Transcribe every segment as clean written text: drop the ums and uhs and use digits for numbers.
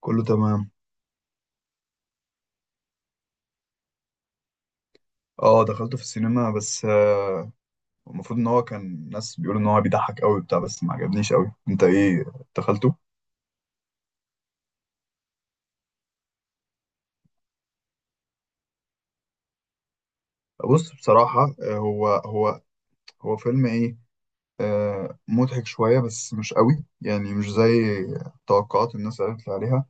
كله تمام. اه، دخلته في السينما بس المفروض ان هو كان ناس بيقولوا ان هو بيضحك قوي بتاع، بس ما عجبنيش قوي. انت ايه، دخلته؟ بص، بصراحة هو هو فيلم ايه، مضحك شوية بس مش قوي، يعني مش زي توقعات الناس قالت لي عليها.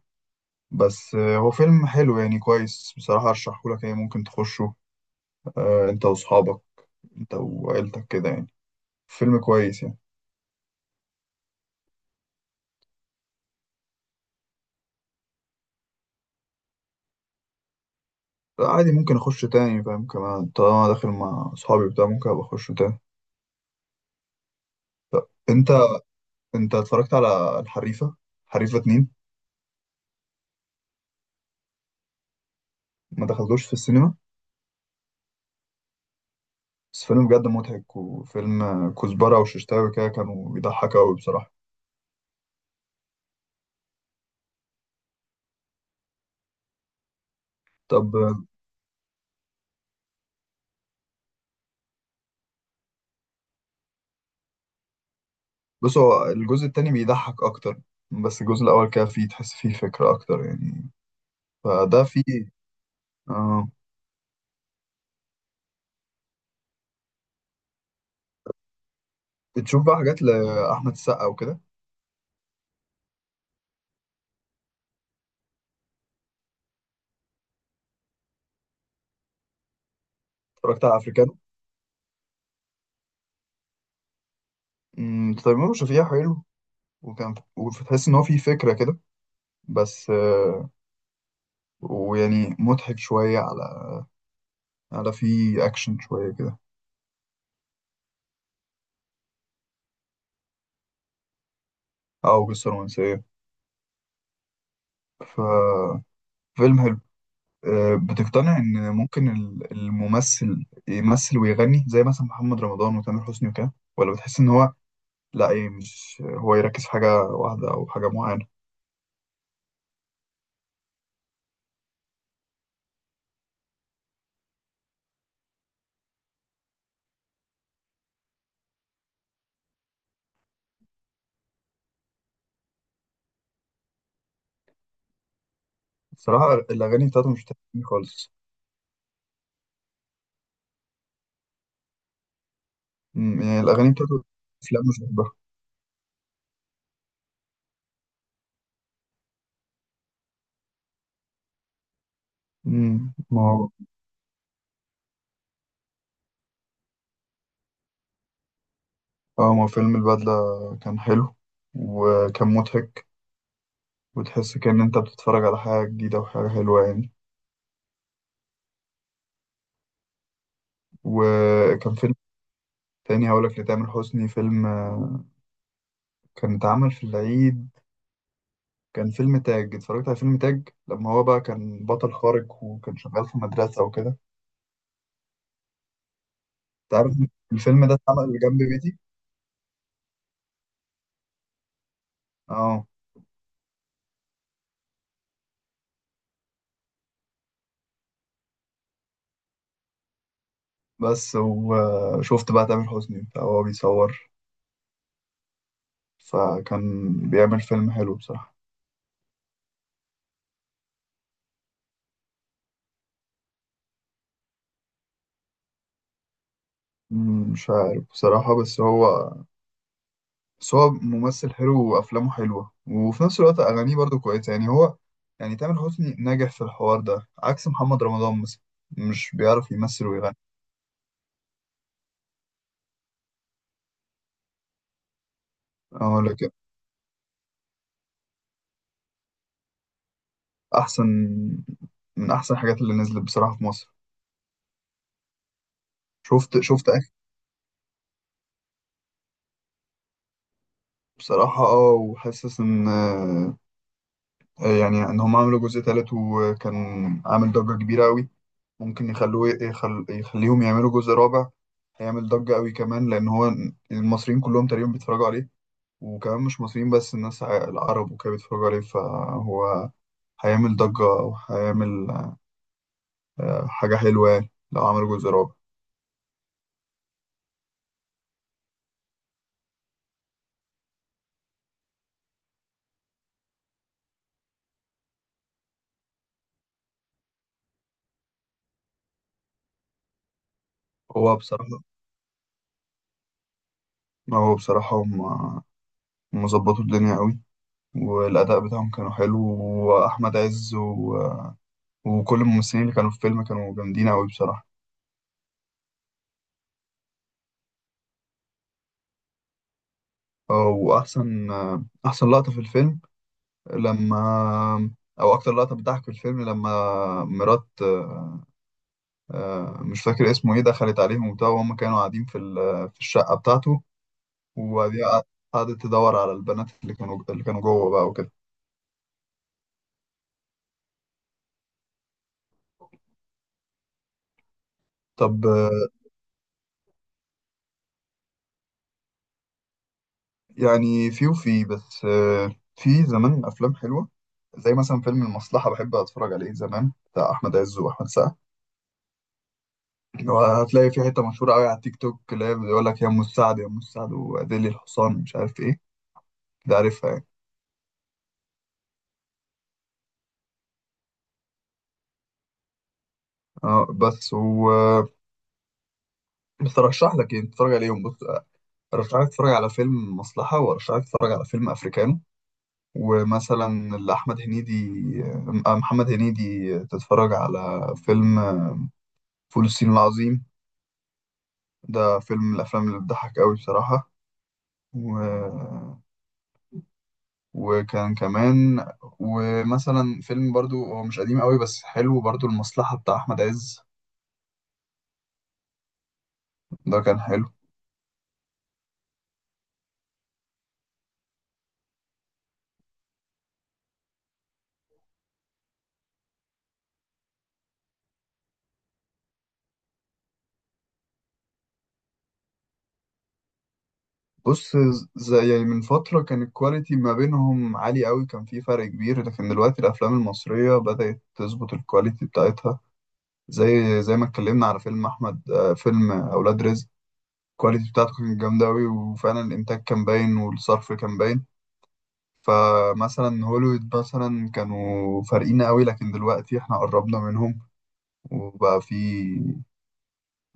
بس هو فيلم حلو يعني كويس، بصراحة ارشحه لك، يعني ممكن تخشه. انت واصحابك، انت وعيلتك كده يعني، فيلم كويس يعني. عادي، ممكن اخش تاني، فاهم، كمان طالما داخل مع اصحابي بتاع ممكن ابقى اخش تاني. طب انت، انت اتفرجت على الحريفة، حريفة اتنين؟ ما دخلتوش في السينما، بس فيلم بجد مضحك، وفيلم كزبرة وششتاوي كده كانوا بيضحك أوي بصراحة. طب بص، هو الجزء التاني بيضحك أكتر، بس الجزء الأول كده فيه تحس فيه فكرة أكتر يعني، فده فيه آه. بتشوف بقى حاجات لأحمد السقا وكده، اتفرجت على أفريكانو؟ تيمور وشفيقة حلو، وكان وتحس إن هو فيه فكرة كده، بس ويعني مضحك شوية على، على فيه أكشن شوية كده، أو قصة رومانسية. ففيلم حلو. بتقتنع إن ممكن الممثل يمثل ويغني زي مثلا محمد رمضان وتامر حسني وكده، ولا بتحس إن هو، لأ، إيه، مش هو يركز في حاجة واحدة أو حاجة معينة؟ بصراحة الأغاني بتاعته مش بتعجبني خالص. يعني الأغاني بتاعته، أفلام مش بحبها. ما هو آه، ما هو فيلم البدلة كان حلو وكان مضحك، وتحس كأن أنت بتتفرج على حاجة جديدة وحاجة حلوة يعني. وكان فيلم تاني هقولك، لتامر حسني فيلم كان اتعمل في العيد. كان فيلم تاج، اتفرجت على فيلم تاج لما هو بقى كان بطل خارق وكان شغال في مدرسة وكده. انت عارف الفيلم ده اتعمل جنب بيتي. اه، بس وشفت بقى تامر حسني بتاع وهو بيصور، فكان بيعمل فيلم حلو بصراحة. مش عارف بصراحة، بس هو، بس هو ممثل حلو وافلامه حلوه، وفي نفس الوقت اغانيه برضو كويسه، يعني هو، يعني تامر حسني ناجح في الحوار ده عكس محمد رمضان مثلا، مش بيعرف يمثل ويغني. اه، لكن احسن، من احسن الحاجات اللي نزلت بصراحه في مصر. شفت اخر. بصراحه اه، وحاسس ان يعني ان هم عملوا جزء تالت وكان عامل ضجه كبيره قوي، ممكن يخلوه يخليهم يعملوا جزء رابع. هيعمل ضجه قوي كمان لان هو المصريين كلهم تقريبا بيتفرجوا عليه، وكمان مش مصريين بس، الناس العرب وكده بيتفرجوا عليه، فهو هيعمل ضجة وهيعمل حاجة حلوة يعني لو عمل جزء رابع. هو بصراحة هو بصراحة، هم مظبطوا الدنيا قوي، والأداء بتاعهم كانوا حلو، وأحمد عز و... وكل الممثلين اللي كانوا في الفيلم كانوا جامدين قوي بصراحة. وأحسن أحسن لقطة في الفيلم لما، أو أكتر لقطة بتضحك في الفيلم لما مرات مش فاكر اسمه ايه دخلت عليهم وبتاع، وهم كانوا قاعدين في في الشقة بتاعته، وبعدين قعدت تدور على البنات اللي كانوا، اللي كانوا جوه بقى وكده. طب يعني في وفي، بس في زمان أفلام حلوة زي مثلا فيلم المصلحة بحب أتفرج عليه زمان، بتاع أحمد عز وأحمد سعد. وهتلاقي في حتة مشهورة أوي على التيك توك اللي هي بيقول لك يا أم السعد يا أم السعد وأديلي الحصان مش عارف إيه، ده عارفها يعني. اه، بس و، بس أرشح لك يعني تتفرج عليهم. بص، ارشحك تتفرج على فيلم مصلحة، وارشحك تتفرج على فيلم افريكانو، ومثلا لأحمد هنيدي محمد هنيدي، تتفرج على فيلم فول الصين العظيم، ده فيلم من الافلام اللي بتضحك قوي بصراحة. و... وكان كمان، ومثلا فيلم برضو هو مش قديم قوي بس حلو برضو، المصلحة بتاع احمد عز، ده كان حلو. بص، زي يعني من فترة كان الكواليتي ما بينهم عالي قوي، كان في فرق كبير، لكن دلوقتي الأفلام المصرية بدأت تظبط الكواليتي بتاعتها. زي ما اتكلمنا على فيلم احمد فيلم اولاد رزق، الكواليتي بتاعته كانت جامده قوي، وفعلا الانتاج كان باين والصرف كان باين. فمثلا هوليوود مثلا كانوا فارقين قوي، لكن دلوقتي احنا قربنا منهم، وبقى في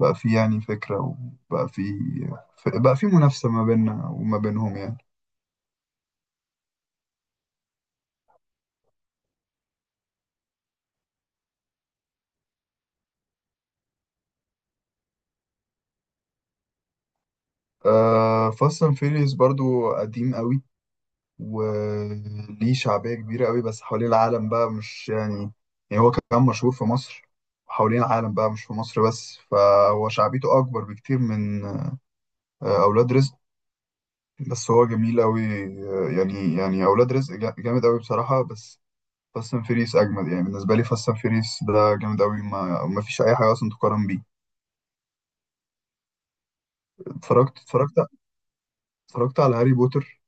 بقى في يعني فكره، وبقى في منافسه ما بيننا وما بينهم يعني. فاست اند فيريوس برضو قديم قوي، وليه شعبية كبيرة قوي، بس حوالين العالم بقى مش يعني، يعني هو كان مشهور في مصر، حوالين العالم بقى مش في مصر بس، فهو شعبيته أكبر بكتير من أولاد رزق. بس هو جميل قوي. يعني يعني أولاد رزق جامد قوي بصراحة، بس فاست اند فيريس أجمد، يعني بالنسبة لي فاست اند فيريس ده جامد قوي، ما فيش أي حاجة أصلا تقارن بيه. اتفرجت اتفرجت اتفرجت على هاري بوتر.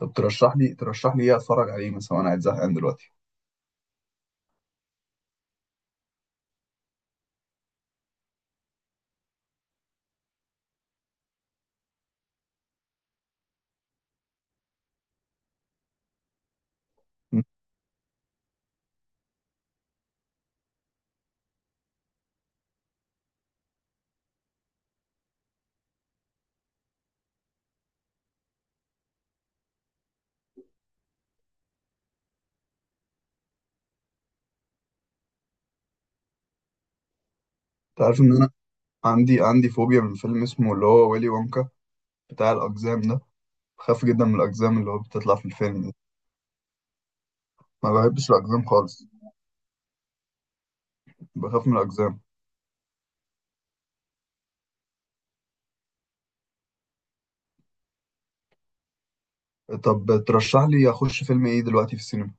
طب ترشح لي إيه أتفرج عليه مثلا وأنا قاعد زهقان دلوقتي؟ أنت عارف إن عندي فوبيا من فيلم اسمه اللي هو ويلي وونكا بتاع الأقزام ده. بخاف جدا من الأقزام اللي هو بتطلع في الفيلم دي، ما بحبش الأقزام خالص، بخاف من الأقزام. طب ترشح لي أخش فيلم إيه دلوقتي في السينما؟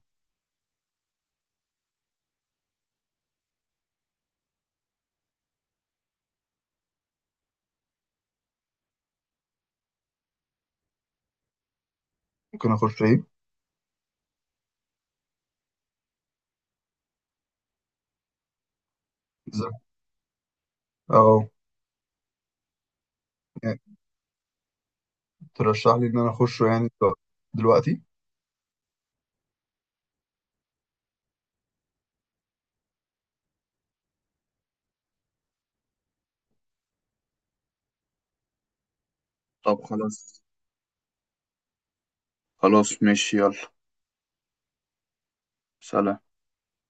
ممكن أخش إيه؟ إزاي؟ أه. يعني ترشح لي إن أنا أخشه يعني دلوقتي؟ طب خلاص. خلاص ماشي، يلا. سلام.